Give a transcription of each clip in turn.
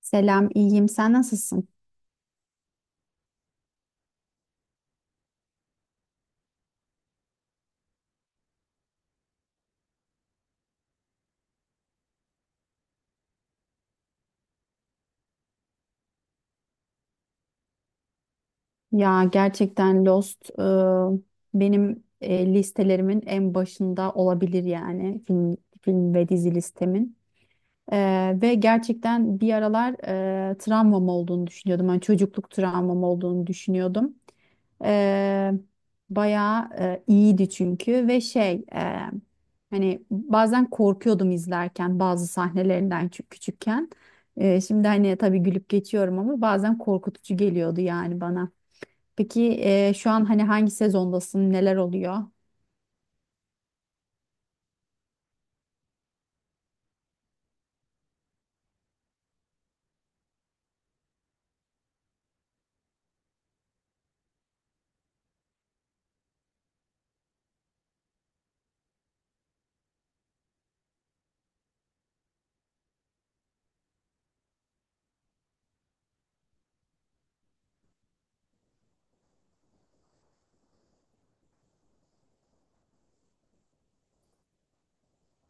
Selam, iyiyim. Sen nasılsın? Ya gerçekten Lost benim listelerimin en başında olabilir yani film, film ve dizi listemin. Ve gerçekten bir aralar travmam olduğunu düşünüyordum. Hani çocukluk travmam olduğunu düşünüyordum. Ee, Bayağı iyiydi çünkü ve hani bazen korkuyordum izlerken bazı sahnelerinden çünkü küçükken. Şimdi hani tabii gülüp geçiyorum ama bazen korkutucu geliyordu yani bana. Peki şu an hani hangi sezondasın? Neler oluyor?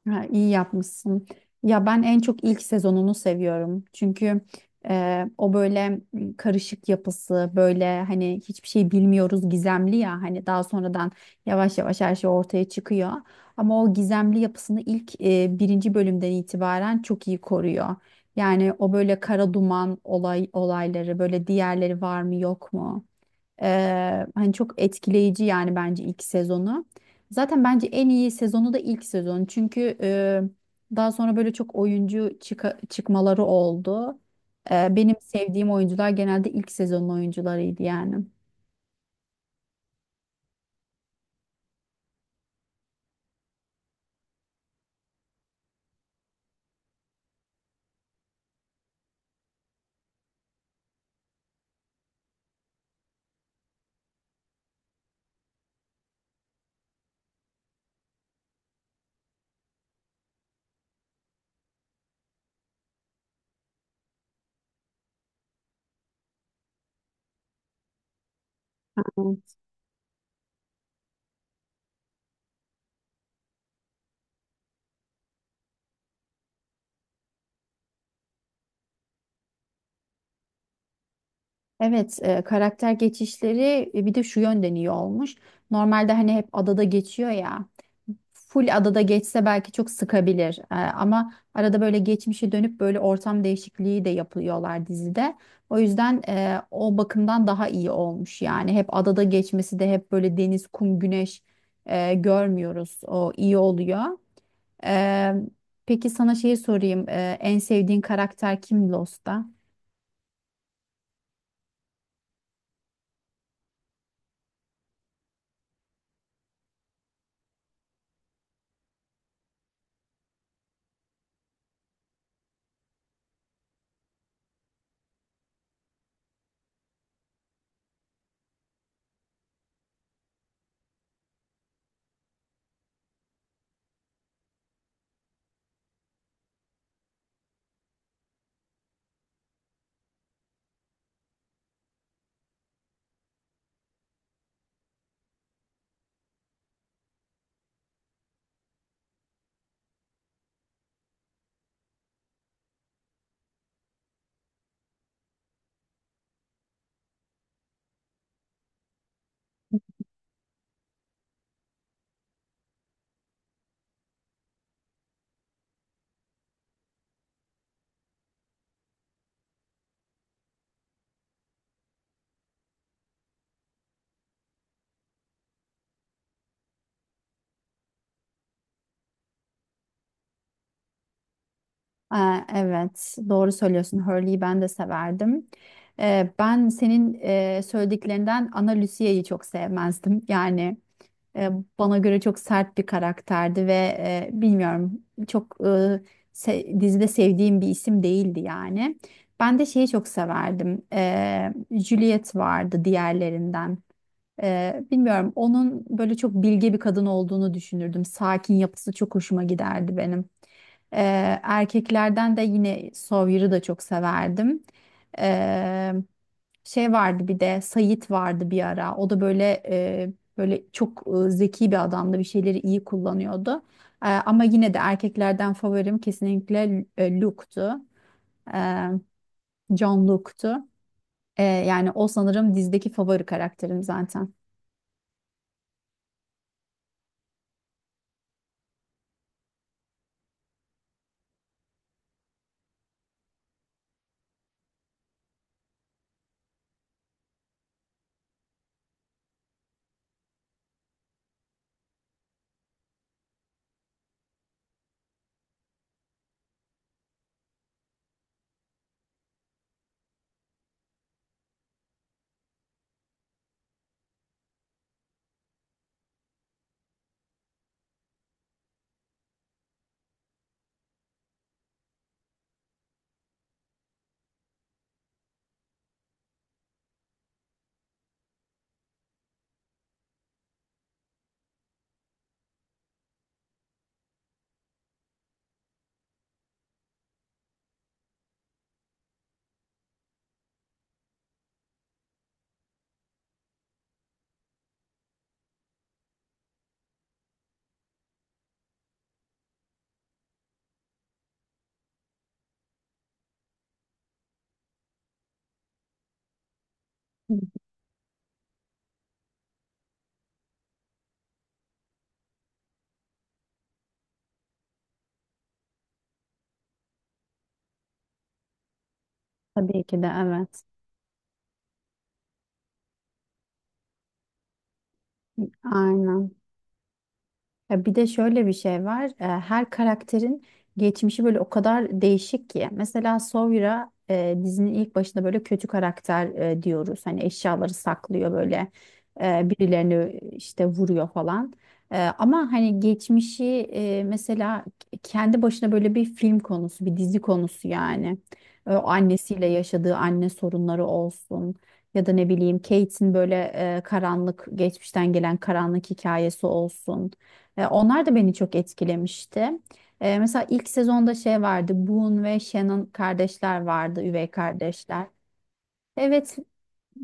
Ha, iyi yapmışsın. Ya ben en çok ilk sezonunu seviyorum. Çünkü o böyle karışık yapısı, böyle hani hiçbir şey bilmiyoruz gizemli ya. Hani daha sonradan yavaş yavaş her şey ortaya çıkıyor. Ama o gizemli yapısını ilk birinci bölümden itibaren çok iyi koruyor. Yani o böyle kara duman olay olayları, böyle diğerleri var mı yok mu? Hani çok etkileyici yani bence ilk sezonu. Zaten bence en iyi sezonu da ilk sezonu. Çünkü daha sonra böyle çok oyuncu çıkmaları oldu. Benim sevdiğim oyuncular genelde ilk sezonun oyuncularıydı yani. Evet, karakter geçişleri bir de şu yönden iyi olmuş. Normalde hani hep adada geçiyor ya. Full adada geçse belki çok sıkabilir. Ama arada böyle geçmişe dönüp böyle ortam değişikliği de yapıyorlar dizide. O yüzden o bakımdan daha iyi olmuş. Yani hep adada geçmesi de hep böyle deniz, kum, güneş görmüyoruz. O iyi oluyor. Ee, peki sana şeyi sorayım. En sevdiğin karakter kim Lost'ta? Aa, evet, doğru söylüyorsun. Hurley'i ben de severdim. Ben senin söylediklerinden Ana Lucia'yı çok sevmezdim. Yani e, bana göre çok sert bir karakterdi ve bilmiyorum çok dizide sevdiğim bir isim değildi yani. Ben de şeyi çok severdim. Juliet vardı diğerlerinden. Bilmiyorum onun böyle çok bilge bir kadın olduğunu düşünürdüm. Sakin yapısı çok hoşuma giderdi benim. Erkeklerden de yine Sawyer'ı da çok severdim. Ee, Şey vardı bir de Sayit vardı bir ara. O da böyle böyle çok zeki bir adamdı. Bir şeyleri iyi kullanıyordu. Ama yine de erkeklerden favorim kesinlikle Luke'tu. Ee, John Luke'tu. Yani o sanırım dizdeki favori karakterim zaten. Tabii ki de evet. Aynen. Ya bir de şöyle bir şey var. Her karakterin geçmişi böyle o kadar değişik ki. Mesela Sawyer dizinin ilk başında böyle kötü karakter diyoruz. Hani eşyaları saklıyor böyle birilerini işte vuruyor falan. Ama hani geçmişi mesela kendi başına böyle bir film konusu, bir dizi konusu yani. O annesiyle yaşadığı anne sorunları olsun. Ya da ne bileyim Kate'in böyle karanlık geçmişten gelen karanlık hikayesi olsun. Onlar da beni çok etkilemişti. Mesela ilk sezonda şey vardı. Boone ve Shannon kardeşler vardı, üvey kardeşler. Evet,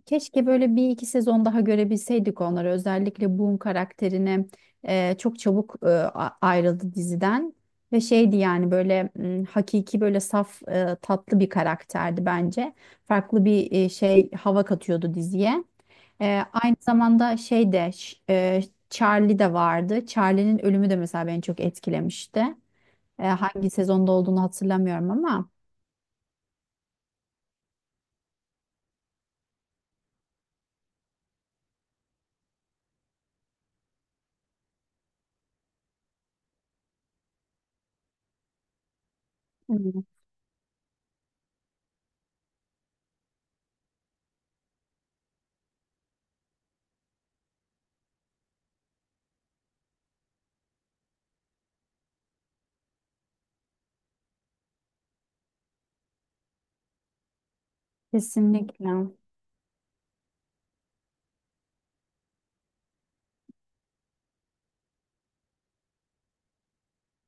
keşke böyle bir iki sezon daha görebilseydik onları. Özellikle Boone karakterine çok çabuk ayrıldı diziden. Ve şeydi yani böyle hakiki böyle saf tatlı bir karakterdi bence. Farklı bir şey hava katıyordu diziye. E, Aynı zamanda şey de Charlie de vardı. Charlie'nin ölümü de mesela beni çok etkilemişti. Hangi sezonda olduğunu hatırlamıyorum ama. Hmm, kesinlikle.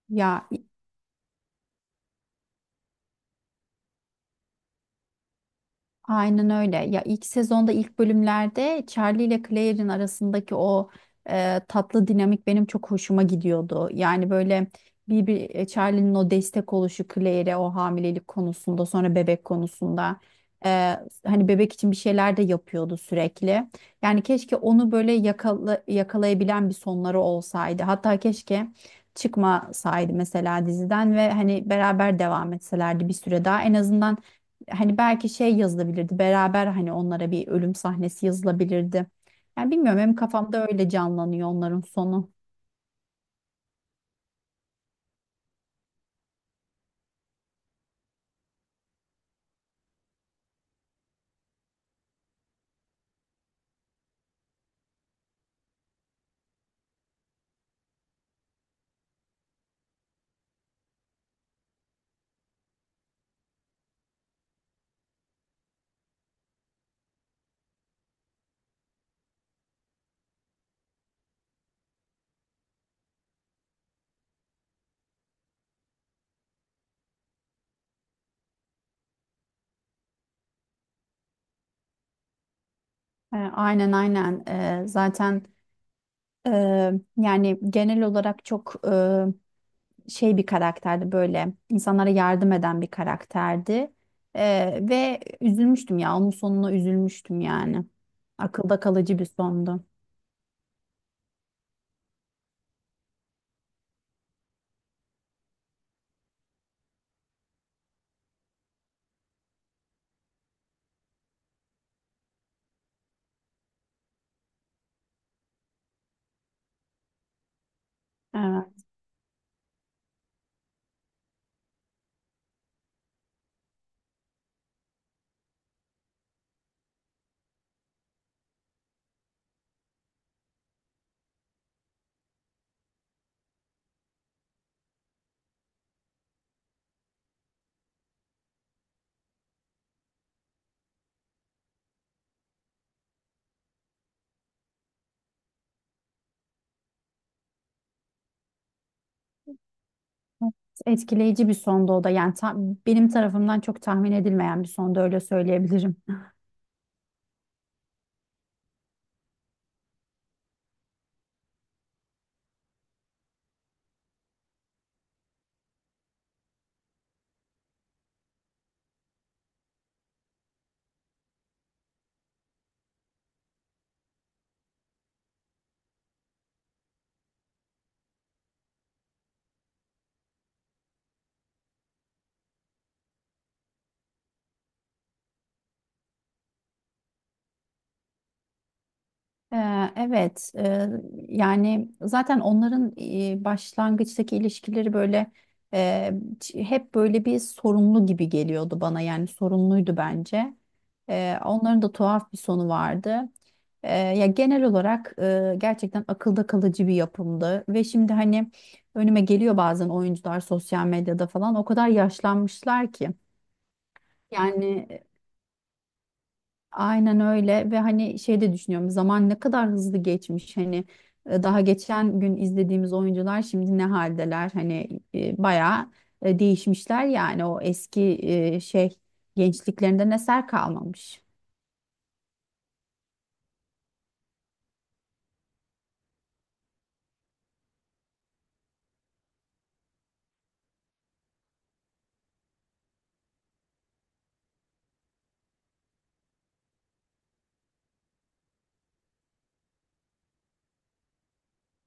Ya aynen öyle. Ya ilk sezonda ilk bölümlerde Charlie ile Claire'in arasındaki o tatlı dinamik benim çok hoşuma gidiyordu. Yani böyle bir Charlie'nin o destek oluşu Claire'e o hamilelik konusunda sonra bebek konusunda e, hani bebek için bir şeyler de yapıyordu sürekli. Yani keşke onu böyle yakalayabilen bir sonları olsaydı. Hatta keşke çıkmasaydı mesela diziden ve hani beraber devam etselerdi bir süre daha en azından. Hani belki şey yazılabilirdi beraber hani onlara bir ölüm sahnesi yazılabilirdi. Yani bilmiyorum benim kafamda öyle canlanıyor onların sonu. Aynen. Zaten e, yani genel olarak çok şey bir karakterdi böyle insanlara yardım eden bir karakterdi. Ve üzülmüştüm ya onun sonuna üzülmüştüm yani. Akılda kalıcı bir sondu. Evet. Etkileyici bir sondu o da yani benim tarafımdan çok tahmin edilmeyen bir sondu öyle söyleyebilirim. Evet, yani zaten onların başlangıçtaki ilişkileri böyle e, hep böyle bir sorunlu gibi geliyordu bana yani sorunluydu bence. Onların da tuhaf bir sonu vardı. Ya genel olarak gerçekten akılda kalıcı bir yapımdı ve şimdi hani önüme geliyor bazen oyuncular sosyal medyada falan o kadar yaşlanmışlar ki. Yani aynen öyle ve hani şey de düşünüyorum zaman ne kadar hızlı geçmiş hani daha geçen gün izlediğimiz oyuncular şimdi ne haldeler hani bayağı değişmişler yani o eski şey gençliklerinden eser kalmamış.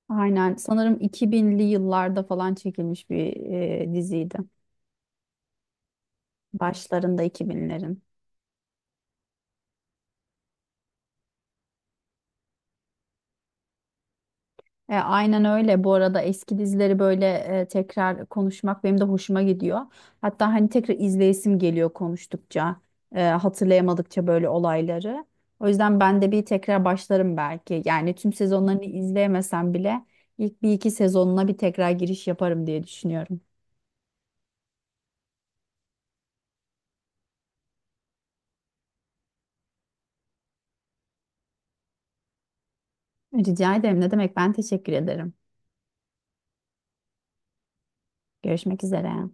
Aynen sanırım 2000'li yıllarda falan çekilmiş bir diziydi başlarında 2000'lerin. Aynen öyle. Bu arada eski dizileri böyle tekrar konuşmak benim de hoşuma gidiyor. Hatta hani tekrar izleyesim geliyor konuştukça, hatırlayamadıkça böyle olayları. O yüzden ben de bir tekrar başlarım belki. Yani tüm sezonlarını izleyemesem bile ilk bir iki sezonuna bir tekrar giriş yaparım diye düşünüyorum. Rica ederim. Ne demek? Ben teşekkür ederim. Görüşmek üzere.